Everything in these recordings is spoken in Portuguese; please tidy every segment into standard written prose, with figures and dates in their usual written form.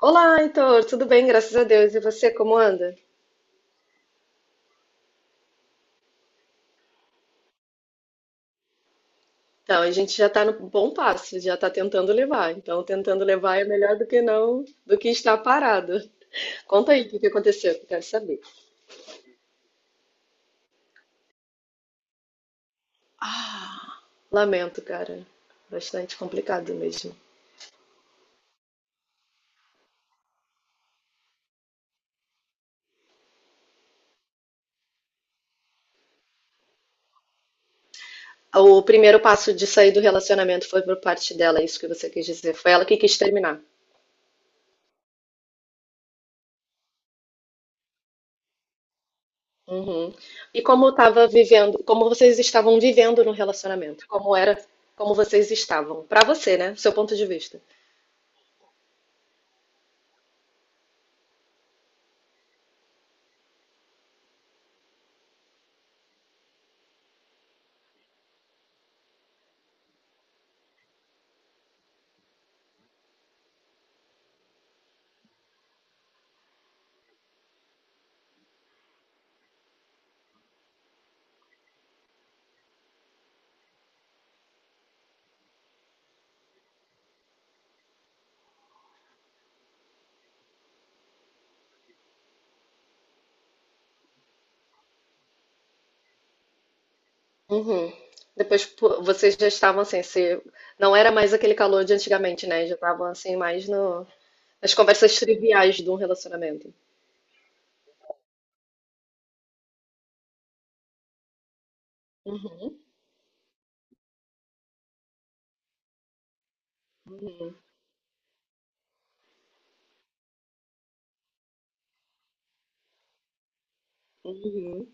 Olá, Heitor, tudo bem? Graças a Deus. E você, como anda? Então, a gente já está no bom passo, já está tentando levar. Então, tentando levar é melhor do que não, do que estar parado. Conta aí o que que aconteceu, que eu quero saber. Lamento, cara. Bastante complicado mesmo. O primeiro passo de sair do relacionamento foi por parte dela, é isso que você quis dizer. Foi ela que quis terminar. Uhum. E como estava vivendo, como vocês estavam vivendo no relacionamento? Como era, como vocês estavam? Para você, né? Seu ponto de vista. Uhum. Depois pô, vocês já estavam assim, se, não era mais aquele calor de antigamente, né? Já estavam assim, mais no, nas conversas triviais de um relacionamento. Uhum.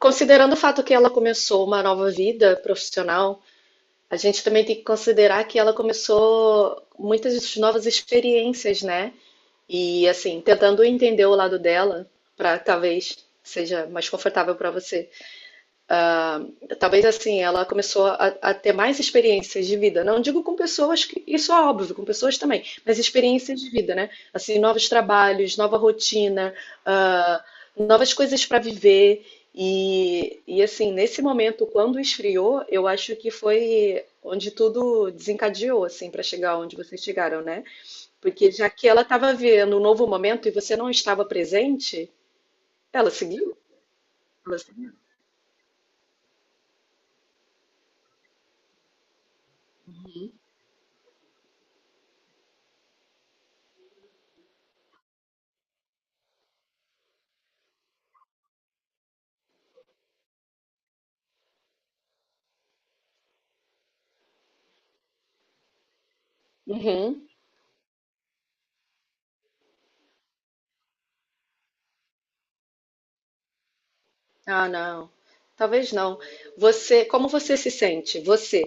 Considerando o fato que ela começou uma nova vida profissional, a gente também tem que considerar que ela começou muitas novas experiências, né? E assim, tentando entender o lado dela, para talvez seja mais confortável para você. Ah, talvez assim, ela começou a ter mais experiências de vida. Não digo com pessoas, que, isso é óbvio, com pessoas também, mas experiências de vida, né? Assim, novos trabalhos, nova rotina, novas coisas para viver. E assim, nesse momento, quando esfriou, eu acho que foi onde tudo desencadeou, assim, para chegar onde vocês chegaram, né? Porque já que ela estava vivendo um novo momento e você não estava presente, ela seguiu. Ela seguiu. Uhum. Ah, não. Talvez não. Você, como você se sente? Você,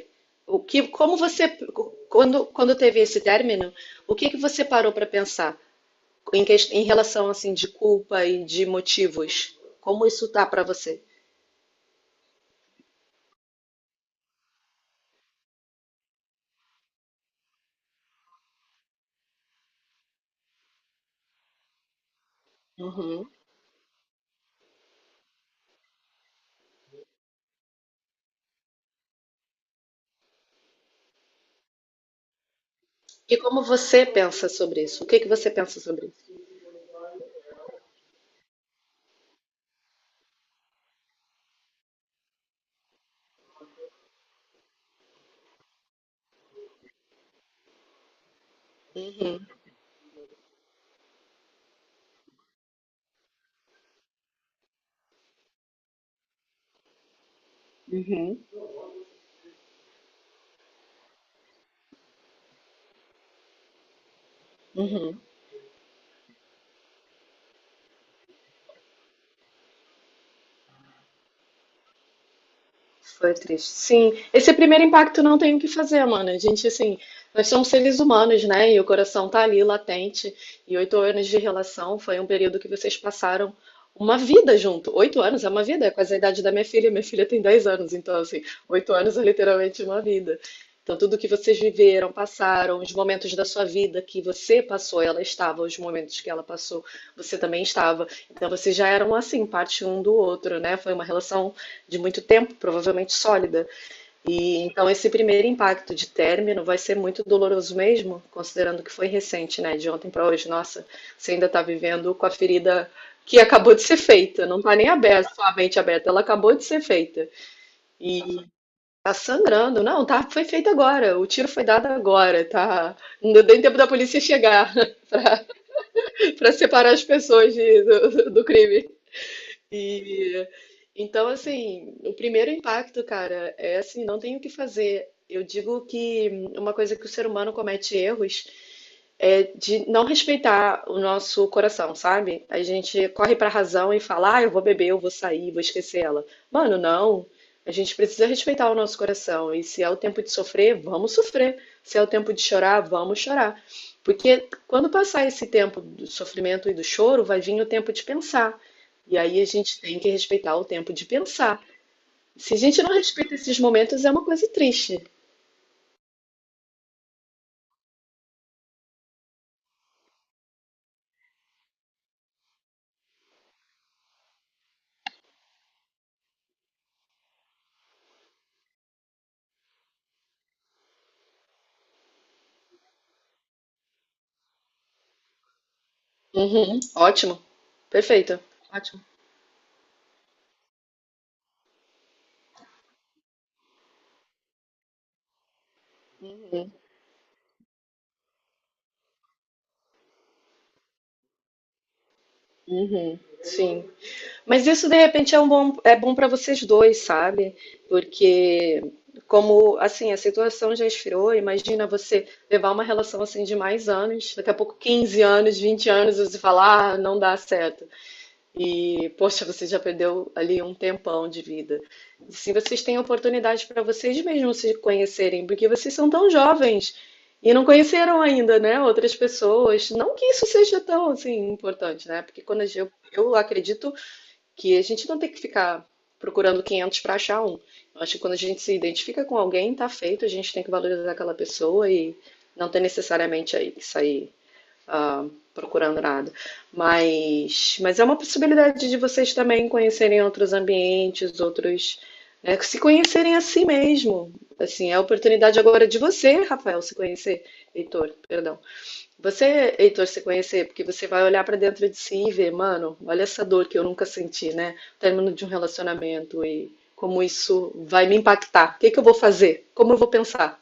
o que, como você, quando, quando teve esse término, o que que você parou para pensar em, em relação assim de culpa e de motivos? Como isso tá para você? Uhum. E como você pensa sobre isso? O que que você pensa sobre isso? Uhum. Uhum. Uhum. Foi triste. Sim, esse primeiro impacto não tem o que fazer, mano. A gente, assim, nós somos seres humanos, né? E o coração tá ali latente. E 8 anos de relação foi um período que vocês passaram uma vida junto. 8 anos é uma vida, é quase a idade da minha filha. Minha filha tem 10 anos, então, assim, 8 anos é literalmente uma vida. Então, tudo que vocês viveram, passaram, os momentos da sua vida que você passou, ela estava, os momentos que ela passou, você também estava. Então, vocês já eram assim, parte um do outro, né? Foi uma relação de muito tempo, provavelmente sólida. E então esse primeiro impacto de término vai ser muito doloroso mesmo, considerando que foi recente, né? De ontem para hoje, nossa, você ainda está vivendo com a ferida que acabou de ser feita, não está nem aberta, somente aberta, ela acabou de ser feita. E tá sangrando, não, tá, foi feito agora, o tiro foi dado agora, tá? Não deu nem tempo da polícia chegar para separar as pessoas do crime. E então, assim, o primeiro impacto, cara, é assim, não tem o que fazer. Eu digo que uma coisa que o ser humano comete erros é de não respeitar o nosso coração, sabe? A gente corre pra razão e fala, ah, eu vou beber, eu vou sair, vou esquecer ela. Mano, não. A gente precisa respeitar o nosso coração. E se é o tempo de sofrer, vamos sofrer. Se é o tempo de chorar, vamos chorar. Porque quando passar esse tempo do sofrimento e do choro, vai vir o tempo de pensar. E aí a gente tem que respeitar o tempo de pensar. Se a gente não respeita esses momentos, é uma coisa triste. Uhum. Ótimo, perfeito. Ótimo. Uhum, uhum. Sim. Mas isso de repente é um bom, é bom para vocês dois, sabe? Porque como assim, a situação já esfriou, imagina você levar uma relação assim de mais anos, daqui a pouco 15 anos, 20 anos, e você falar, ah, não dá certo. E, poxa, você já perdeu ali um tempão de vida. E se vocês têm oportunidade para vocês mesmos se conhecerem, porque vocês são tão jovens e não conheceram ainda, né, outras pessoas. Não que isso seja tão, assim, importante, né? Porque quando a gente, eu acredito que a gente não tem que ficar procurando 500 para achar um. Eu acho que quando a gente se identifica com alguém, tá feito, a gente tem que valorizar aquela pessoa e não tem necessariamente aí que sair ah, procurando nada. Mas é uma possibilidade de vocês também conhecerem outros ambientes, outros, né, se conhecerem a si mesmo. Assim, é a oportunidade agora de você, Rafael, se conhecer. Heitor, perdão. Você, Heitor, se conhecer, porque você vai olhar pra dentro de si e ver, mano, olha essa dor que eu nunca senti, né? O término de um relacionamento e como isso vai me impactar. O que que eu vou fazer? Como eu vou pensar?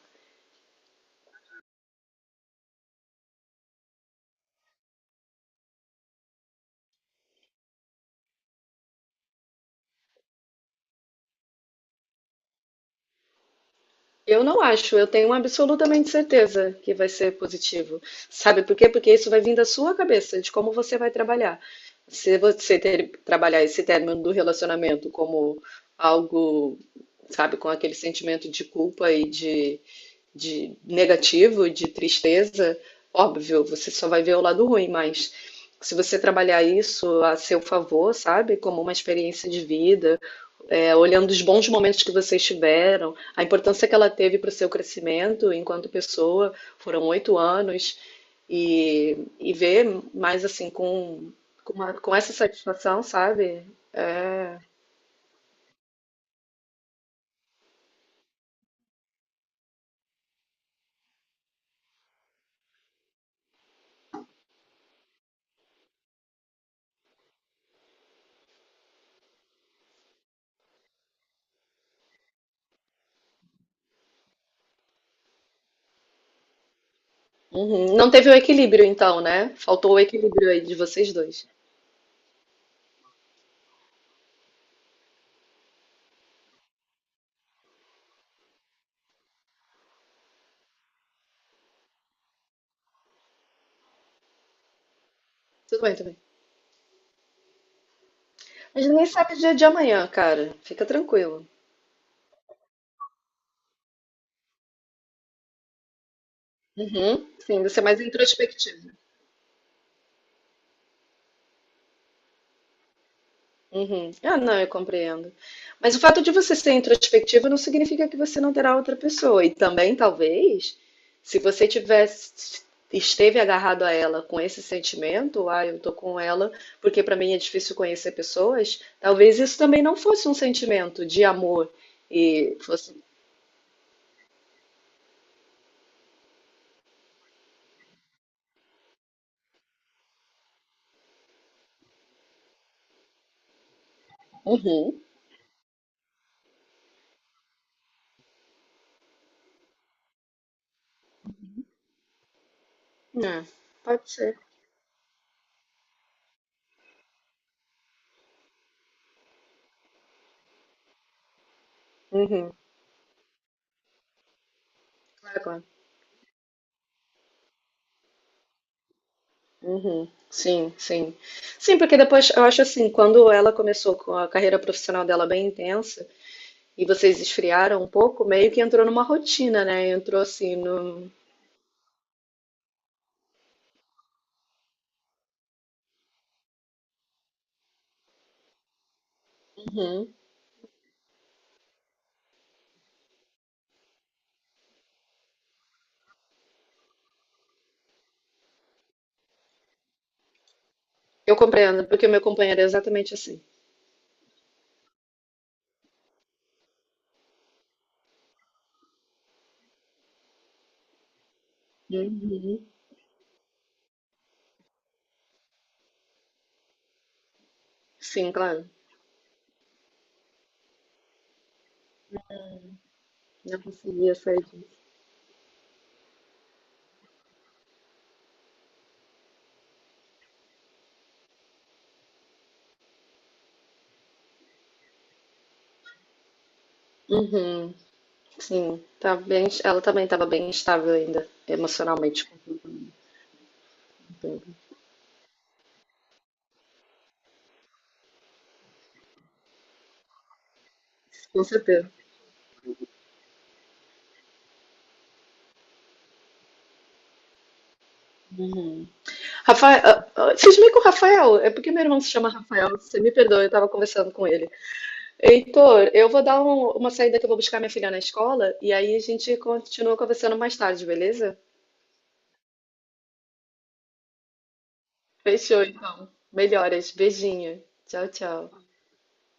Eu não acho, eu tenho absolutamente certeza que vai ser positivo. Sabe por quê? Porque isso vai vir da sua cabeça, de como você vai trabalhar. Se você trabalhar esse término do relacionamento como algo, sabe, com aquele sentimento de culpa e de negativo, de tristeza, óbvio, você só vai ver o lado ruim, mas se você trabalhar isso a seu favor, sabe, como uma experiência de vida, é, olhando os bons momentos que vocês tiveram, a importância que ela teve para o seu crescimento enquanto pessoa, foram 8 anos, e ver mais assim com, com essa satisfação, sabe? Uhum. Não teve o equilíbrio então, né? Faltou o equilíbrio aí de vocês dois. Tudo bem, tudo bem. A gente nem sabe o dia de amanhã, cara. Fica tranquilo. Uhum. Sim, você é mais introspectivo. Uhum. Ah, não, eu compreendo. Mas o fato de você ser introspectiva não significa que você não terá outra pessoa. E também, talvez, se você tivesse, esteve agarrado a ela com esse sentimento, ah, eu tô com ela porque para mim é difícil conhecer pessoas, talvez isso também não fosse um sentimento de amor e fosse. Uhum. É, pode ser. Uhum. Claro, claro. Uhum. Sim, sim. Sim, porque depois eu acho assim, quando ela começou com a carreira profissional dela bem intensa, e vocês esfriaram um pouco, meio que entrou numa rotina, né? Entrou assim no. Uhum. Eu compreendo, porque o meu companheiro é exatamente assim. Uhum. Sim, claro. Não conseguia sair disso. Uhum. Sim, tá bem, ela também estava bem instável ainda, emocionalmente, com tudo. Com certeza. Uhum. Rafael, ah, ah, vocês meio que o Rafael, é porque meu irmão se chama Rafael, você me perdoa, eu estava conversando com ele. Heitor, eu vou dar uma saída que eu vou buscar minha filha na escola e aí a gente continua conversando mais tarde, beleza? Fechou, então. Melhoras. Beijinho. Tchau, tchau.